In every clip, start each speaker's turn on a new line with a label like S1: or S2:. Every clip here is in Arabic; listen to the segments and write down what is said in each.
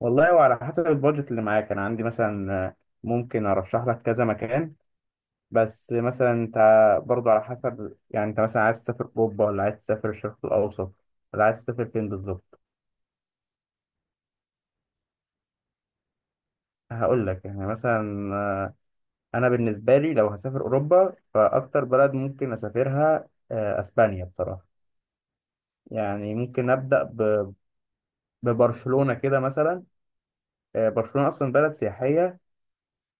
S1: والله وعلى حسب البادجت اللي معاك انا عندي مثلا ممكن ارشح لك كذا مكان. بس مثلا انت برضو على حسب، يعني انت مثلا عايز تسافر اوروبا ولا عايز تسافر الشرق الاوسط ولا عايز تسافر فين بالظبط؟ هقول لك يعني مثلا. انا بالنسبه لي لو هسافر اوروبا فاكتر بلد ممكن اسافرها اسبانيا بصراحه. يعني ممكن ابدا ببرشلونه كده مثلا. برشلونه اصلا بلد سياحيه،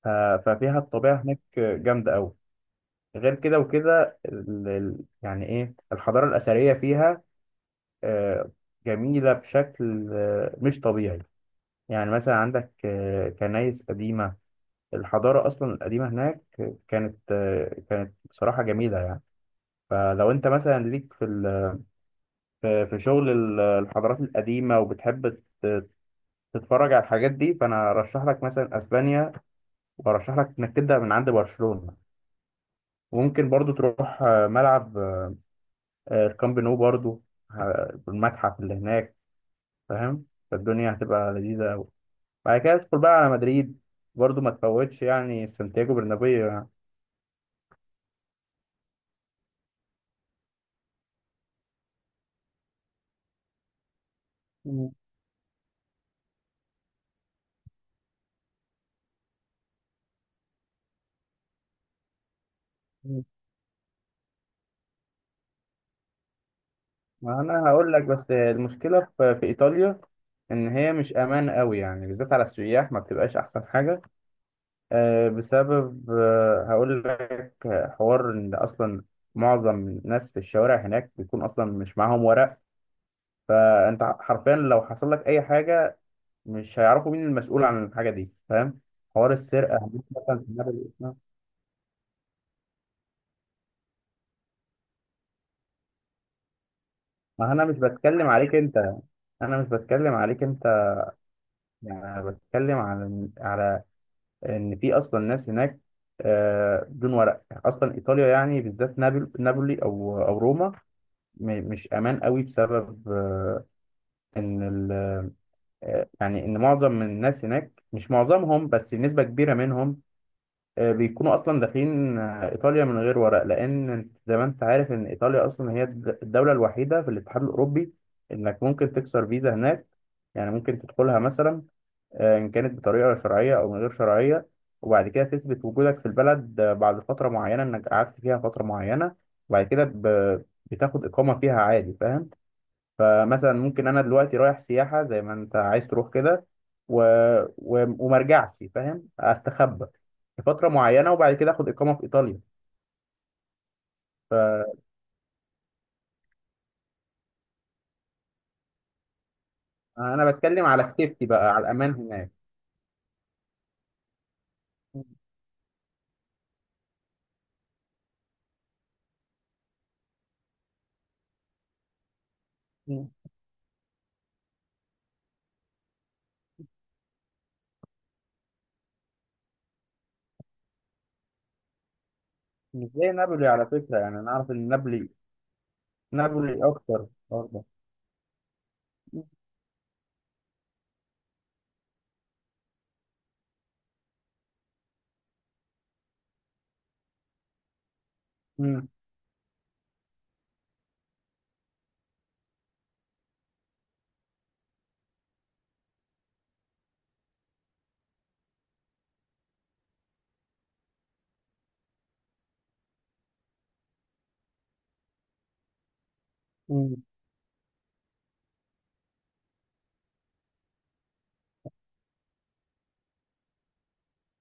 S1: ف- ففيها الطبيعه هناك جامده قوي. غير كده وكده يعني ايه الحضارة الأثرية فيها آه، جميلة بشكل مش طبيعي. يعني مثلا عندك كنايس قديمة، الحضارة أصلا القديمة هناك كانت، كانت بصراحة جميلة يعني. فلو أنت مثلا ليك في في شغل الحضارات القديمة وبتحب ت- تتفرج على الحاجات دي، فأنا أرشح لك مثلا أسبانيا، وأرشح لك إنك تبدأ من عند برشلونة. وممكن برضو تروح ملعب الكامب نو برضو، والمتحف اللي هناك، فاهم؟ فالدنيا هتبقى لذيذة أوي. بعد كده ادخل بقى على مدريد، برضو ما تفوتش يعني سانتياغو برنابيو يعني. مم. مم. ما أنا هقول لك بس المشكلة في في إيطاليا إن هي مش أمان قوي يعني، بالذات على السياح ما بتبقاش أحسن حاجة، بسبب هقول لك، حوار إن أصلا معظم الناس في الشوارع هناك بيكون أصلا مش معاهم ورق. فأنت حرفيا لو حصل لك أي حاجة مش هيعرفوا مين المسؤول عن الحاجه دي، فاهم؟ حوار السرقه هنروح مثلا في دماغ الإسلام. ما انا مش بتكلم عليك انت. انا مش بتكلم عليك انت. يعني انا بتكلم على على ان في اصلا ناس هناك بدون ورق، اصلا ايطاليا يعني بالذات نابولي او او روما مش امان قوي، بسبب ان يعني ان معظم من الناس هناك، مش معظمهم بس نسبه كبيره منهم، بيكونوا اصلا داخلين ايطاليا من غير ورق. لان انت زي ما انت عارف ان ايطاليا اصلا هي الدوله الوحيده في الاتحاد الاوروبي انك ممكن تكسر فيزا هناك. يعني ممكن تدخلها مثلا، ان كانت بطريقه شرعيه او من غير شرعيه، وبعد كده تثبت وجودك في البلد. بعد فتره معينه، انك قعدت فيها فتره معينه، وبعد كده بتاخد اقامه فيها عادي، فاهم؟ فمثلا ممكن انا دلوقتي رايح سياحه زي ما انت عايز تروح كده، و... و... وما ارجعش، فاهم؟ استخبى لفتره معينه وبعد كده اخد اقامه في ايطاليا. انا بتكلم على السيفتي بقى، على الامان هناك. مم. مش زي نابولي على فكره، يعني انا اعرف ان نابولي، نابولي اكتر برضه. امم مم.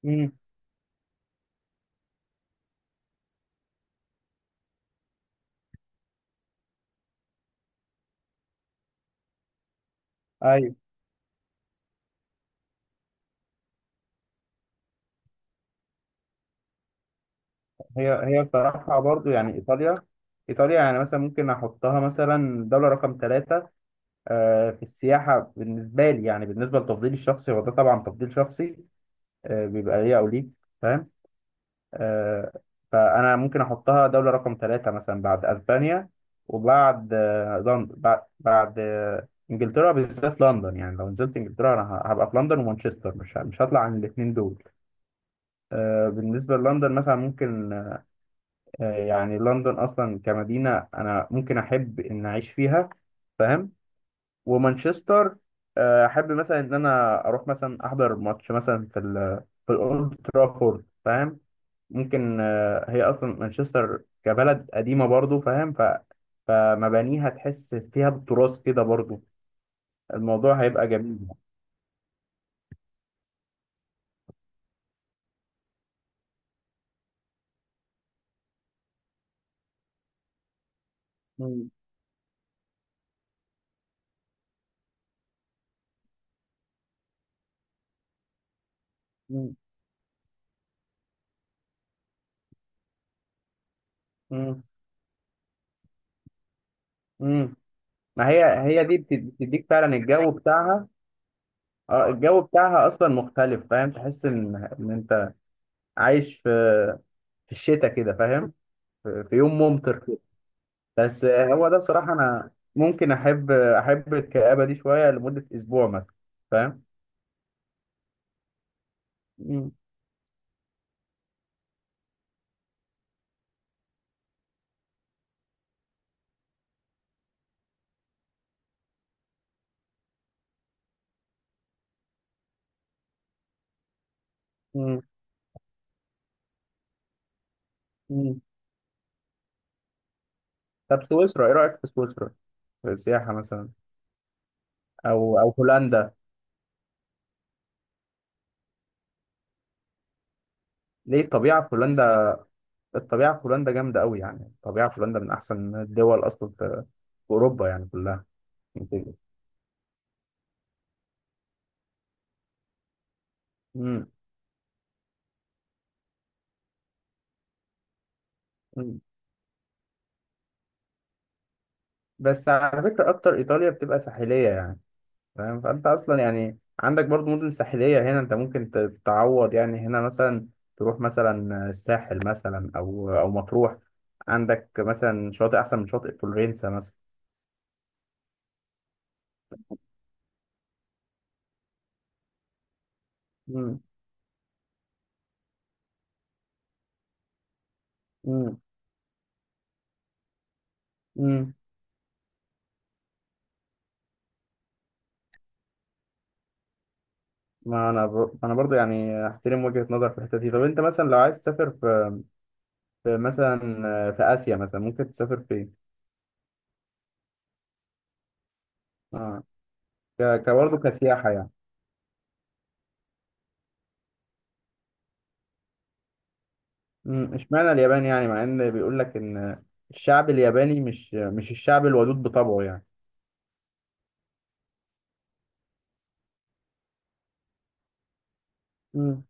S1: امم ايوه هي هي بصراحه برضه يعني ايطاليا، ايطاليا يعني مثلا ممكن احطها مثلا دوله رقم ثلاثة في السياحة بالنسبة لي، يعني بالنسبة لتفضيلي الشخصي، هو ده طبعا تفضيل شخصي بيبقى ليا أو ليك، فاهم؟ آه، فأنا ممكن أحطها دولة رقم ثلاثة مثلا، بعد أسبانيا، وبعد لندن، بعد إنجلترا، بالذات لندن. يعني لو نزلت إنجلترا أنا هبقى في لندن ومانشستر، مش هطلع عن الاتنين دول. بالنسبة للندن مثلا، ممكن يعني لندن أصلا كمدينة أنا ممكن أحب إن أعيش فيها، فاهم؟ ومانشستر احب مثلا ان انا اروح مثلا احضر ماتش مثلا في ال، في الاولد ترافورد، فاهم؟ ممكن هي اصلا مانشستر كبلد قديمه برضو، فاهم؟ ف فمبانيها تحس فيها بالتراث كده برضو، الموضوع هيبقى جميل. مم، مم، مم، مم. ما هي هي دي بتديك فعلا الجو بتاعها. اه الجو بتاعها اصلا مختلف، فاهم؟ تحس ان ان انت عايش في في الشتاء كده، فاهم؟ في في يوم ممطر. بس هو ده بصراحة أنا ممكن أحب، الكآبة دي شوية لمدة أسبوع مثلا، فاهم؟ مم. مم. مم. طب سويسرا إيه رأيك في سويسرا؟ في السياحة مثلا، أو أو هولندا. ليه؟ الطبيعة في هولندا، الطبيعة في هولندا جامدة أوي، يعني الطبيعة في هولندا من أحسن الدول أصلا في في أوروبا يعني كلها. مم. مم. بس على فكرة أكتر إيطاليا بتبقى ساحلية يعني، فاهم؟ فانت اصلا يعني عندك برضو مدن ساحليه هنا، انت ممكن تعوض يعني هنا مثلا، تروح مثلا الساحل مثلا او او مطروح. عندك مثلا شاطئ احسن من شاطئ فلورنسا مثلا. امم. امم. امم. ما انا ب... انا برضو يعني احترم وجهه نظر في الحته دي. طب انت مثلا لو عايز تسافر في في مثلا في اسيا مثلا، ممكن تسافر فين؟ اه، ك... كبرضو كسياحه يعني. امم، اشمعنى اليابان؟ يعني مع ان بيقول لك ان الشعب الياباني مش الشعب الودود بطبعه يعني.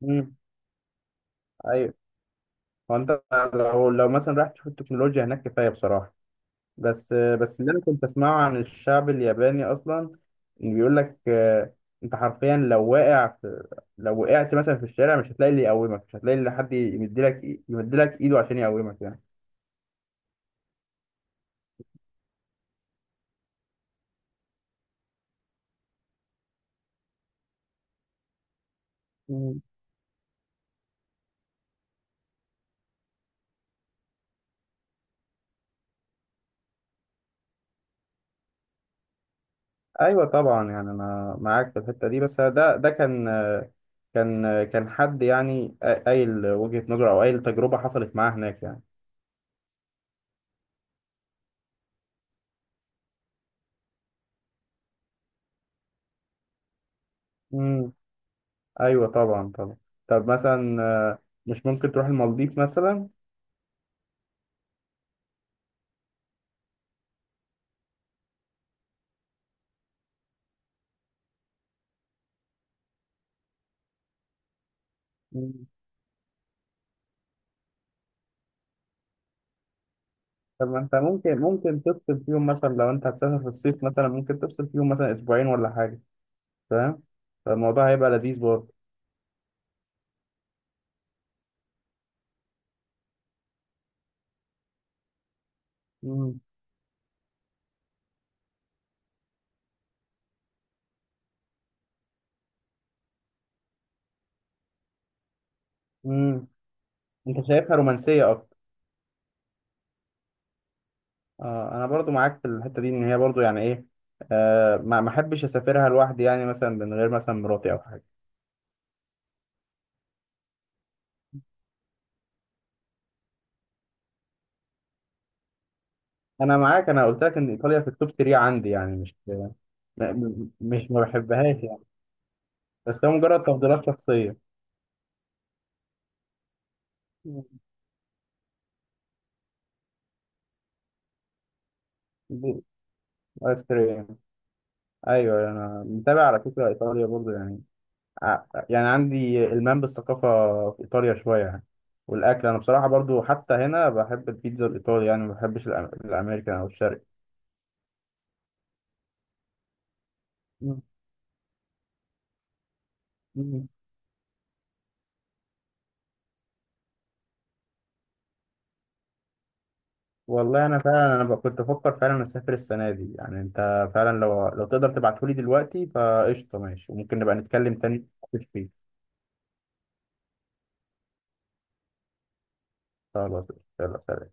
S1: مم. ايوه. هو انت لو لو مثلا رايح تشوف التكنولوجيا هناك، كفايه بصراحه. بس بس اللي انا كنت اسمعه عن الشعب الياباني اصلا إن بيقول لك انت حرفيا لو واقع في، لو وقعت مثلا في الشارع مش هتلاقي اللي يقومك، مش هتلاقي اللي حد يمدلك يمدلك ايده عشان يقومك يعني. مم. ايوه طبعا يعني انا معاك في الحته دي، بس ده ده كان حد يعني قايل وجهه نظره او قايل تجربه حصلت معاه هناك. يعني ايوه طبعا طبعا. طب مثلا مش ممكن تروح المالديف مثلا؟ مم. طب ما انت ممكن ممكن تفصل فيهم مثلا، لو انت هتسافر في الصيف مثلا ممكن تفصل فيهم مثلا اسبوعين ولا حاجه، فاهم؟ فالموضوع هيبقى لذيذ برضه. مم. مم. انت شايفها رومانسيه اكتر. آه انا برضو معاك في الحته دي، ان هي برضو يعني ايه، آه ما احبش اسافرها لوحدي يعني، مثلا من غير مثلا مراتي او حاجه. انا معاك، انا قلت لك ان ايطاليا في التوب 3 عندي يعني، مش مش ما بحبهاش يعني. بس هو مجرد تفضيلات شخصيه. دي- ايس كريم. ايوه انا متابع على فكره ايطاليا برضو يعني، ع- يعني عندي المام بالثقافه في ايطاليا شويه يعني. والاكل انا بصراحه برضو حتى هنا بحب البيتزا الايطالي يعني، ما بحبش الامريكان او الشرقي. مم. مم. والله انا فعلا انا كنت بفكر فعلا اسافر السنه دي يعني. انت فعلا لو لو تقدر تبعتهولي دلوقتي فقشطه، ماشي، وممكن نبقى نتكلم تاني فيه. خلاص، يلا سلام.